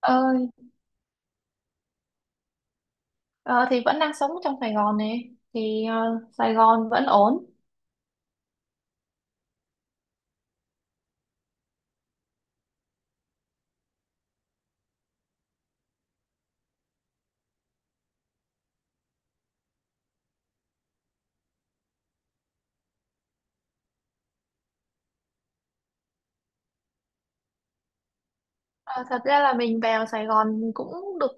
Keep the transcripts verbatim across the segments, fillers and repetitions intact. Ơi. ờ, thì vẫn đang sống trong Sài Gòn này thì ờ, Sài Gòn vẫn ổn. Ờ, thật ra là mình vào Sài Gòn cũng được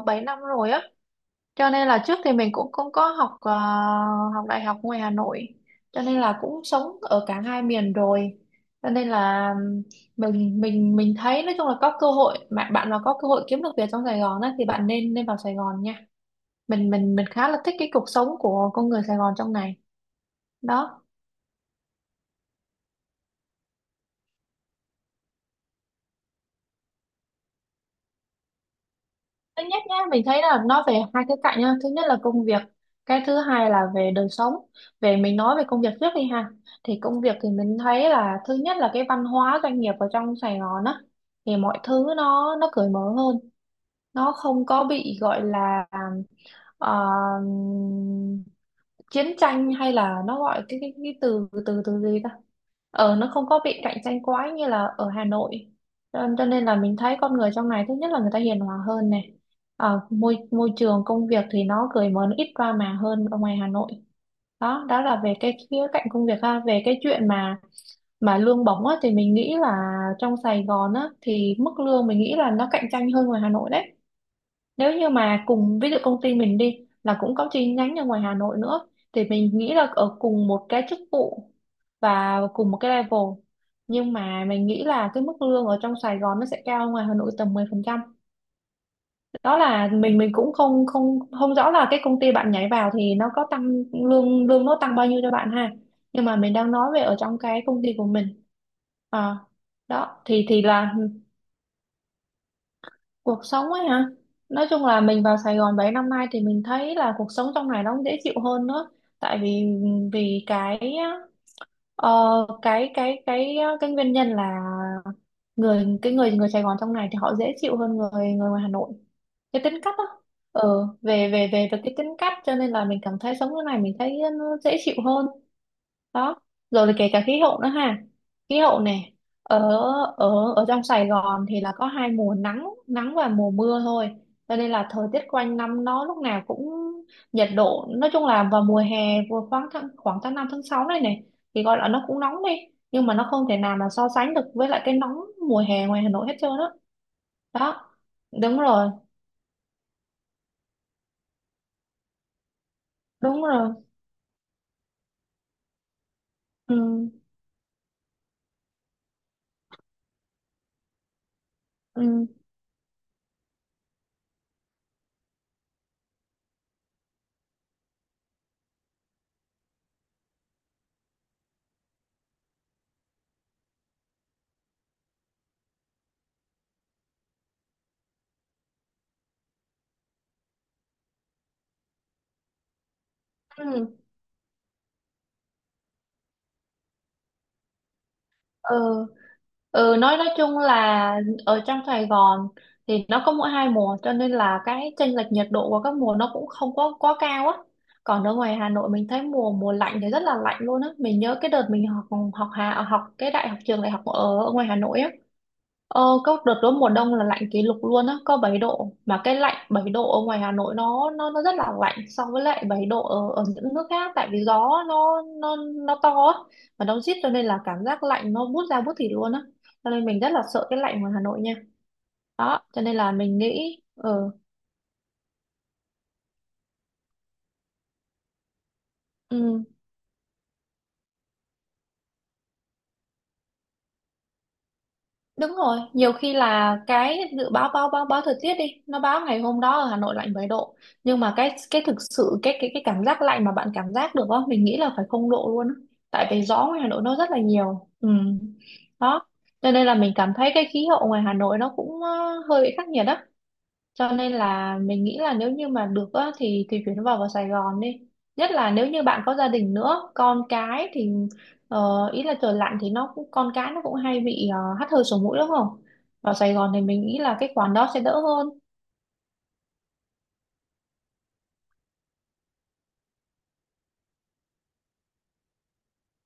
uh, bảy năm rồi á, cho nên là trước thì mình cũng không có học ờ, học đại học ngoài Hà Nội, cho nên là cũng sống ở cả hai miền rồi, cho nên là ừm, mình mình mình thấy nói chung là có cơ hội mà bạn mà có cơ hội kiếm được việc trong Sài Gòn á thì bạn nên nên vào Sài Gòn nha. Mình mình mình khá là thích cái cuộc sống của con người Sài Gòn trong này. Đó, thứ nhất nhá, mình thấy là nó về hai khía cạnh nhá, thứ nhất là công việc, cái thứ hai là về đời sống. Về mình nói về công việc trước đi ha. Thì công việc thì mình thấy là thứ nhất là cái văn hóa doanh nghiệp ở trong Sài Gòn á, thì mọi thứ nó nó cởi mở hơn, nó không có bị gọi là ờ, chiến tranh hay là nó gọi cái cái, cái từ từ từ gì ta. Ờ, nó không có bị cạnh tranh quá như là ở Hà Nội, cho, cho nên là mình thấy con người trong này thứ nhất là người ta hiền hòa hơn này. Ờ, môi môi trường công việc thì nó cởi mở, nó ít drama hơn ở ngoài Hà Nội. Đó, đó là về cái khía cạnh công việc ha. Về cái chuyện mà mà lương bổng á, thì mình nghĩ là trong Sài Gòn á, thì mức lương mình nghĩ là nó cạnh tranh hơn ngoài Hà Nội đấy. Nếu như mà cùng ví dụ công ty mình đi là cũng có chi nhánh ở ngoài Hà Nội nữa thì mình nghĩ là ở cùng một cái chức vụ và cùng một cái level, nhưng mà mình nghĩ là cái mức lương ở trong Sài Gòn nó sẽ cao hơn ngoài Hà Nội tầm mười phần trăm. Đó là mình mình cũng không không không rõ là cái công ty bạn nhảy vào thì nó có tăng lương lương nó tăng bao nhiêu cho bạn ha, nhưng mà mình đang nói về ở trong cái công ty của mình. Ờ, Đó thì thì là cuộc sống ấy hả. Nói chung là mình vào Sài Gòn bảy năm nay thì mình thấy là cuộc sống trong này nó cũng dễ chịu hơn nữa, tại vì vì cái Ờ, cái cái cái cái nguyên nhân là người cái người người Sài Gòn trong này thì họ dễ chịu hơn người người ngoài Hà Nội. Cái tính cách á, ờ về về về về cái tính cách, cho nên là mình cảm thấy sống thế này mình thấy nó dễ chịu hơn. Đó, rồi là kể cả khí hậu nữa ha, khí hậu này. Ở ở ở trong Sài Gòn thì là có hai mùa, nắng nắng và mùa mưa thôi, cho nên là thời tiết quanh năm nó lúc nào cũng nhiệt độ nói chung là vào mùa hè vừa khoảng tháng, khoảng tháng năm tháng sáu này này thì gọi là nó cũng nóng đi, nhưng mà nó không thể nào mà so sánh được với lại cái nóng mùa hè ngoài Hà Nội hết trơn á. Đó. Đúng rồi. Đúng rồi. Ừ. Ừ. Ừ. Ừ, ừ nói nói chung là ở trong Sài Gòn thì nó có mỗi hai mùa, cho nên là cái chênh lệch nhiệt độ của các mùa nó cũng không có quá cao á. Còn ở ngoài Hà Nội mình thấy mùa mùa lạnh thì rất là lạnh luôn á. Mình nhớ cái đợt mình học học hà học cái đại học trường đại học ở, ở ngoài Hà Nội á. Ờ, có đợt đó mùa đông là lạnh kỷ lục luôn á, có bảy độ mà cái lạnh bảy độ ở ngoài Hà Nội nó nó nó rất là lạnh so với lại bảy độ ở ở những nước khác, tại vì gió nó nó nó to á, ở đâu rít, cho nên là cảm giác lạnh nó buốt da buốt thịt luôn á. Cho nên mình rất là sợ cái lạnh ngoài Hà Nội nha. Đó, cho nên là mình nghĩ ừ, ừ đúng rồi. Nhiều khi là cái dự báo báo báo báo thời tiết đi nó báo ngày hôm đó ở Hà Nội lạnh bảy độ, nhưng mà cái cái thực sự cái cái cái cảm giác lạnh mà bạn cảm giác được á mình nghĩ là phải không độ luôn á, tại vì gió ngoài Hà Nội nó rất là nhiều ừ. Đó, cho nên là mình cảm thấy cái khí hậu ngoài Hà Nội nó cũng ờ, hơi bị khắc nghiệt đó. Cho nên là mình nghĩ là nếu như mà được á, thì thì chuyển vào vào Sài Gòn đi. Nhất là nếu như bạn có gia đình nữa, con cái thì ờ, ý là trời lạnh thì nó cũng con cái nó cũng hay bị ờ, hắt hơi sổ mũi đúng không? Vào Sài Gòn thì mình nghĩ là cái khoản đó sẽ đỡ hơn.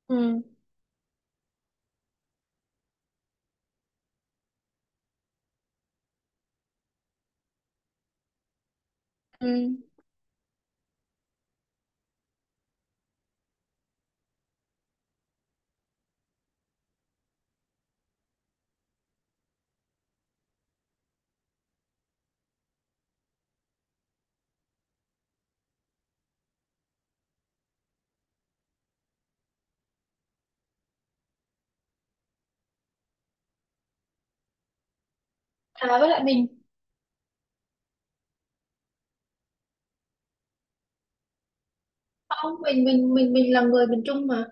Ừ. Ừ. À với lại mình không, mình mình mình mình là người miền Trung mà.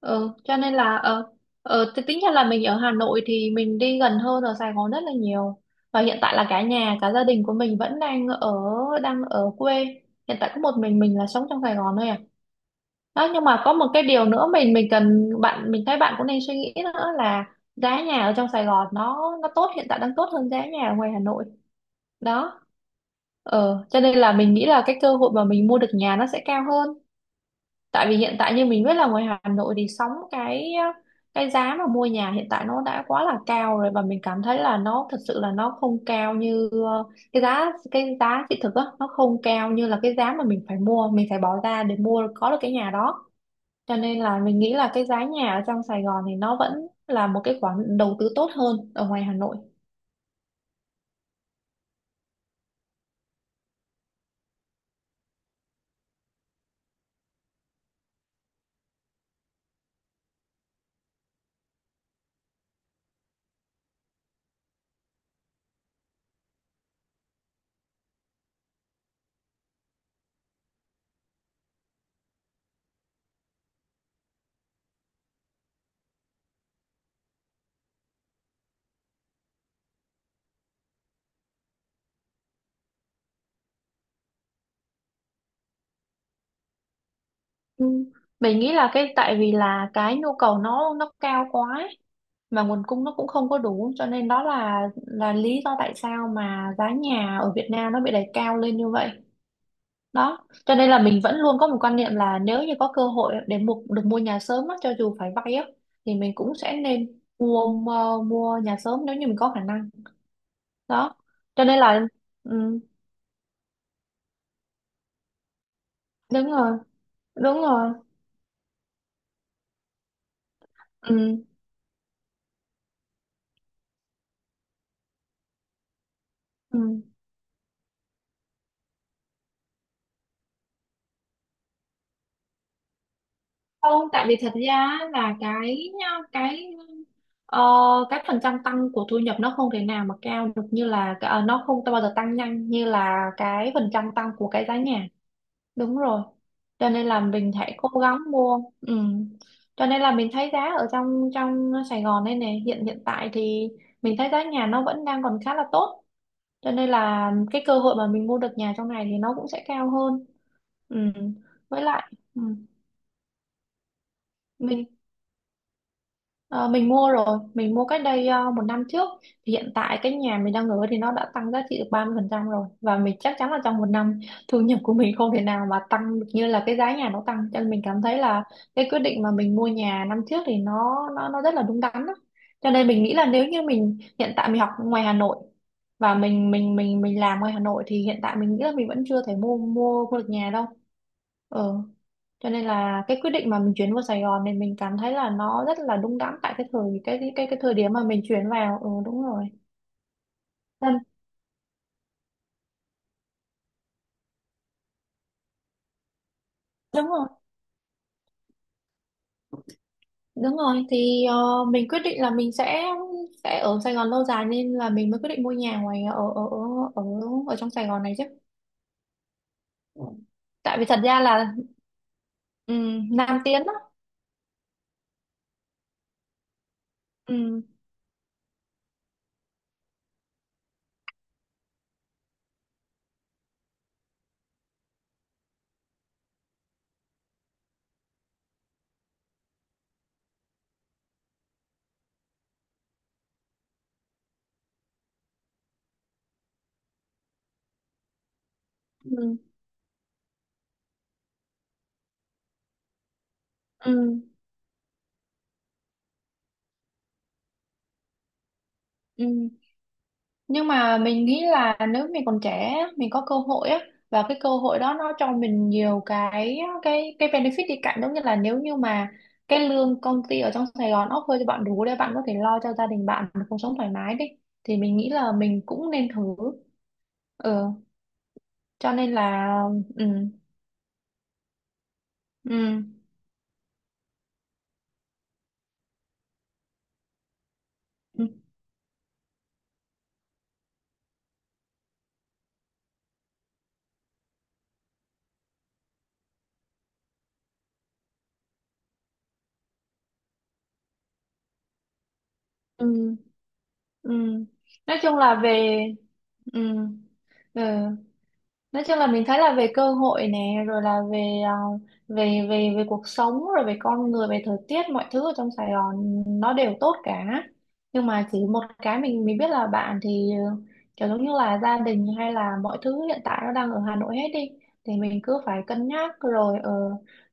ờ cho nên là ờ, ờ thì tính ra là mình ở Hà Nội thì mình đi gần hơn ở Sài Gòn rất là nhiều, và hiện tại là cả nhà cả gia đình của mình vẫn đang ở đang ở quê, hiện tại có một mình mình là sống trong Sài Gòn thôi à. Đó, nhưng mà có một cái điều nữa mình mình cần bạn mình thấy bạn cũng nên suy nghĩ nữa là giá nhà ở trong Sài Gòn nó nó tốt hiện tại đang tốt hơn giá nhà ở ngoài Hà Nội. Đó, ờ cho nên là mình nghĩ là cái cơ hội mà mình mua được nhà nó sẽ cao hơn, tại vì hiện tại như mình biết là ngoài Hà Nội thì sóng cái cái giá mà mua nhà hiện tại nó đã quá là cao rồi và mình cảm thấy là nó thật sự là nó không cao như ờ, cái giá cái giá thị thực á, nó không cao như là cái giá mà mình phải mua, mình phải bỏ ra để mua có được cái nhà đó. Cho nên là mình nghĩ là cái giá nhà ở trong Sài Gòn thì nó vẫn là một cái khoản đầu tư tốt hơn ở ngoài Hà Nội. Ừ. Mình nghĩ là cái tại vì là cái nhu cầu nó nó cao quá ấy, mà nguồn cung nó cũng không có đủ, cho nên đó là là lý do tại sao mà giá nhà ở Việt Nam nó bị đẩy cao lên như vậy. Đó, cho nên là mình vẫn luôn có một quan niệm là nếu như có cơ hội để mua được mua nhà sớm á, cho dù phải vay á thì mình cũng sẽ nên mua mua, mua nhà sớm nếu như mình có khả năng. Đó, cho nên là ừ, đúng rồi, đúng rồi, ừ, ừ. Không, tại vì thật ra là cái cái ờ, cái phần trăm tăng của thu nhập nó không thể nào mà cao được như là ờ, nó không bao giờ tăng nhanh như là cái phần trăm tăng của cái giá nhà. Đúng rồi. Cho nên là mình hãy cố gắng mua. Ừ. Cho nên là mình thấy giá ở trong trong Sài Gòn đây này hiện hiện tại thì mình thấy giá nhà nó vẫn đang còn khá là tốt. Cho nên là cái cơ hội mà mình mua được nhà trong này thì nó cũng sẽ cao hơn. Ừ. Với lại ừ. Mình. Ờ, mình mua rồi, mình mua cách đây ờ, một năm trước. Thì hiện tại cái nhà mình đang ở thì nó đã tăng giá trị được ba mươi phần trăm rồi. Và mình chắc chắn là trong một năm thu nhập của mình không thể nào mà tăng được như là cái giá nhà nó tăng. Cho nên mình cảm thấy là cái quyết định mà mình mua nhà năm trước thì nó nó nó rất là đúng đắn đó. Cho nên mình nghĩ là nếu như mình hiện tại mình học ngoài Hà Nội và mình mình mình mình làm ngoài Hà Nội thì hiện tại mình nghĩ là mình vẫn chưa thể mua mua mua được nhà đâu. Ừ, cho nên là cái quyết định mà mình chuyển vào Sài Gòn này mình cảm thấy là nó rất là đúng đắn tại cái thời cái cái cái thời điểm mà mình chuyển vào. Ừ, đúng rồi. Ừ, đúng rồi, đúng rồi thì ờ, mình quyết định là mình sẽ sẽ ở Sài Gòn lâu dài, nên là mình mới quyết định mua nhà ngoài ở ở ở ở, ở trong Sài Gòn này chứ. Ừ. Tại vì thật ra là ừ, Nam Tiến đó. Ừ, ừ, ừ, ừ. Nhưng mà mình nghĩ là nếu mình còn trẻ á, mình có cơ hội á, và cái cơ hội đó nó cho mình nhiều cái cái cái benefit đi cạnh, giống như là nếu như mà cái lương công ty ở trong Sài Gòn offer cho bạn đủ để bạn có thể lo cho gia đình bạn một cuộc sống thoải mái đi, thì mình nghĩ là mình cũng nên thử. Ừ, cho nên là. Ừ, ừ, ừ, ừ, ừ. Nói chung là về, ừ, ừ, nói chung là mình thấy là về cơ hội nè, rồi là về à, về về về cuộc sống, rồi về con người, về thời tiết, mọi thứ ở trong Sài Gòn nó đều tốt cả. Nhưng mà chỉ một cái, mình mình biết là bạn thì ờ, kiểu giống như là gia đình hay là mọi thứ hiện tại nó đang ở Hà Nội hết đi, thì mình cứ phải cân nhắc rồi, ờ,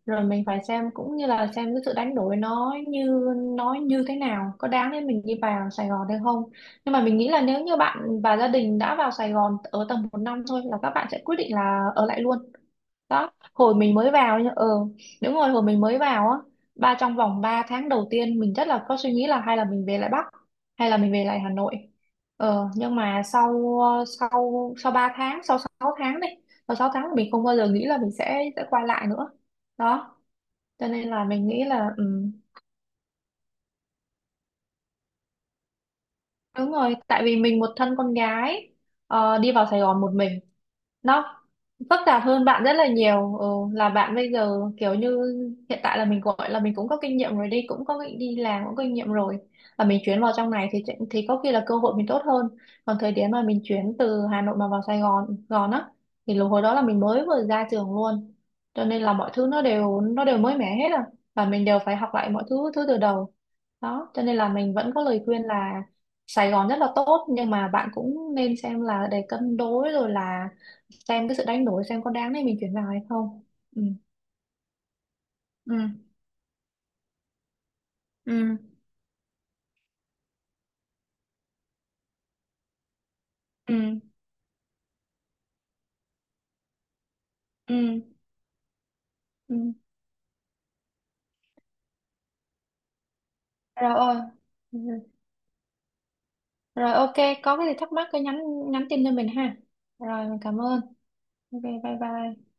rồi mình phải xem cũng như là xem cái sự đánh đổi nó như nó như thế nào, có đáng để mình đi vào Sài Gòn hay không. Nhưng mà mình nghĩ là nếu như bạn và gia đình đã vào Sài Gòn ở tầm một năm thôi là các bạn sẽ quyết định là ở lại luôn. Đó, hồi mình mới vào nhá. ờ Đúng rồi, hồi mình mới vào á, ba trong vòng ba tháng đầu tiên mình rất là có suy nghĩ là hay là mình về lại Bắc, hay là mình về lại Hà Nội. Ờ nhưng mà sau sau sau ba tháng, sau sáu tháng này, sau sáu tháng mình không bao giờ nghĩ là mình sẽ sẽ quay lại nữa. Đó, cho nên là mình nghĩ là, ừ, đúng rồi, tại vì mình một thân con gái ờ, đi vào Sài Gòn một mình, nó phức tạp hơn bạn rất là nhiều. Ừ, là bạn bây giờ kiểu như hiện tại là mình gọi là mình cũng có kinh nghiệm rồi đi, cũng có đi làm cũng có kinh nghiệm rồi, và mình chuyển vào trong này thì thì có khi là cơ hội mình tốt hơn. Còn thời điểm mà mình chuyển từ Hà Nội mà vào Sài Gòn Gòn á, thì lúc hồi đó là mình mới vừa ra trường luôn, cho nên là mọi thứ nó đều nó đều mới mẻ hết à. Và mình đều phải học lại mọi thứ thứ từ đầu. Đó, cho nên là mình vẫn có lời khuyên là Sài Gòn rất là tốt, nhưng mà bạn cũng nên xem là để cân đối rồi là xem cái sự đánh đổi, xem có đáng để mình chuyển vào hay không. Ừ, ừ, ừ, ừ, ừ, ừ. Rồi. Ừ. Rồi, ok, có cái gì thắc mắc cứ nhắn nhắn tin cho mình ha. Rồi mình cảm ơn. Ok, bye bye.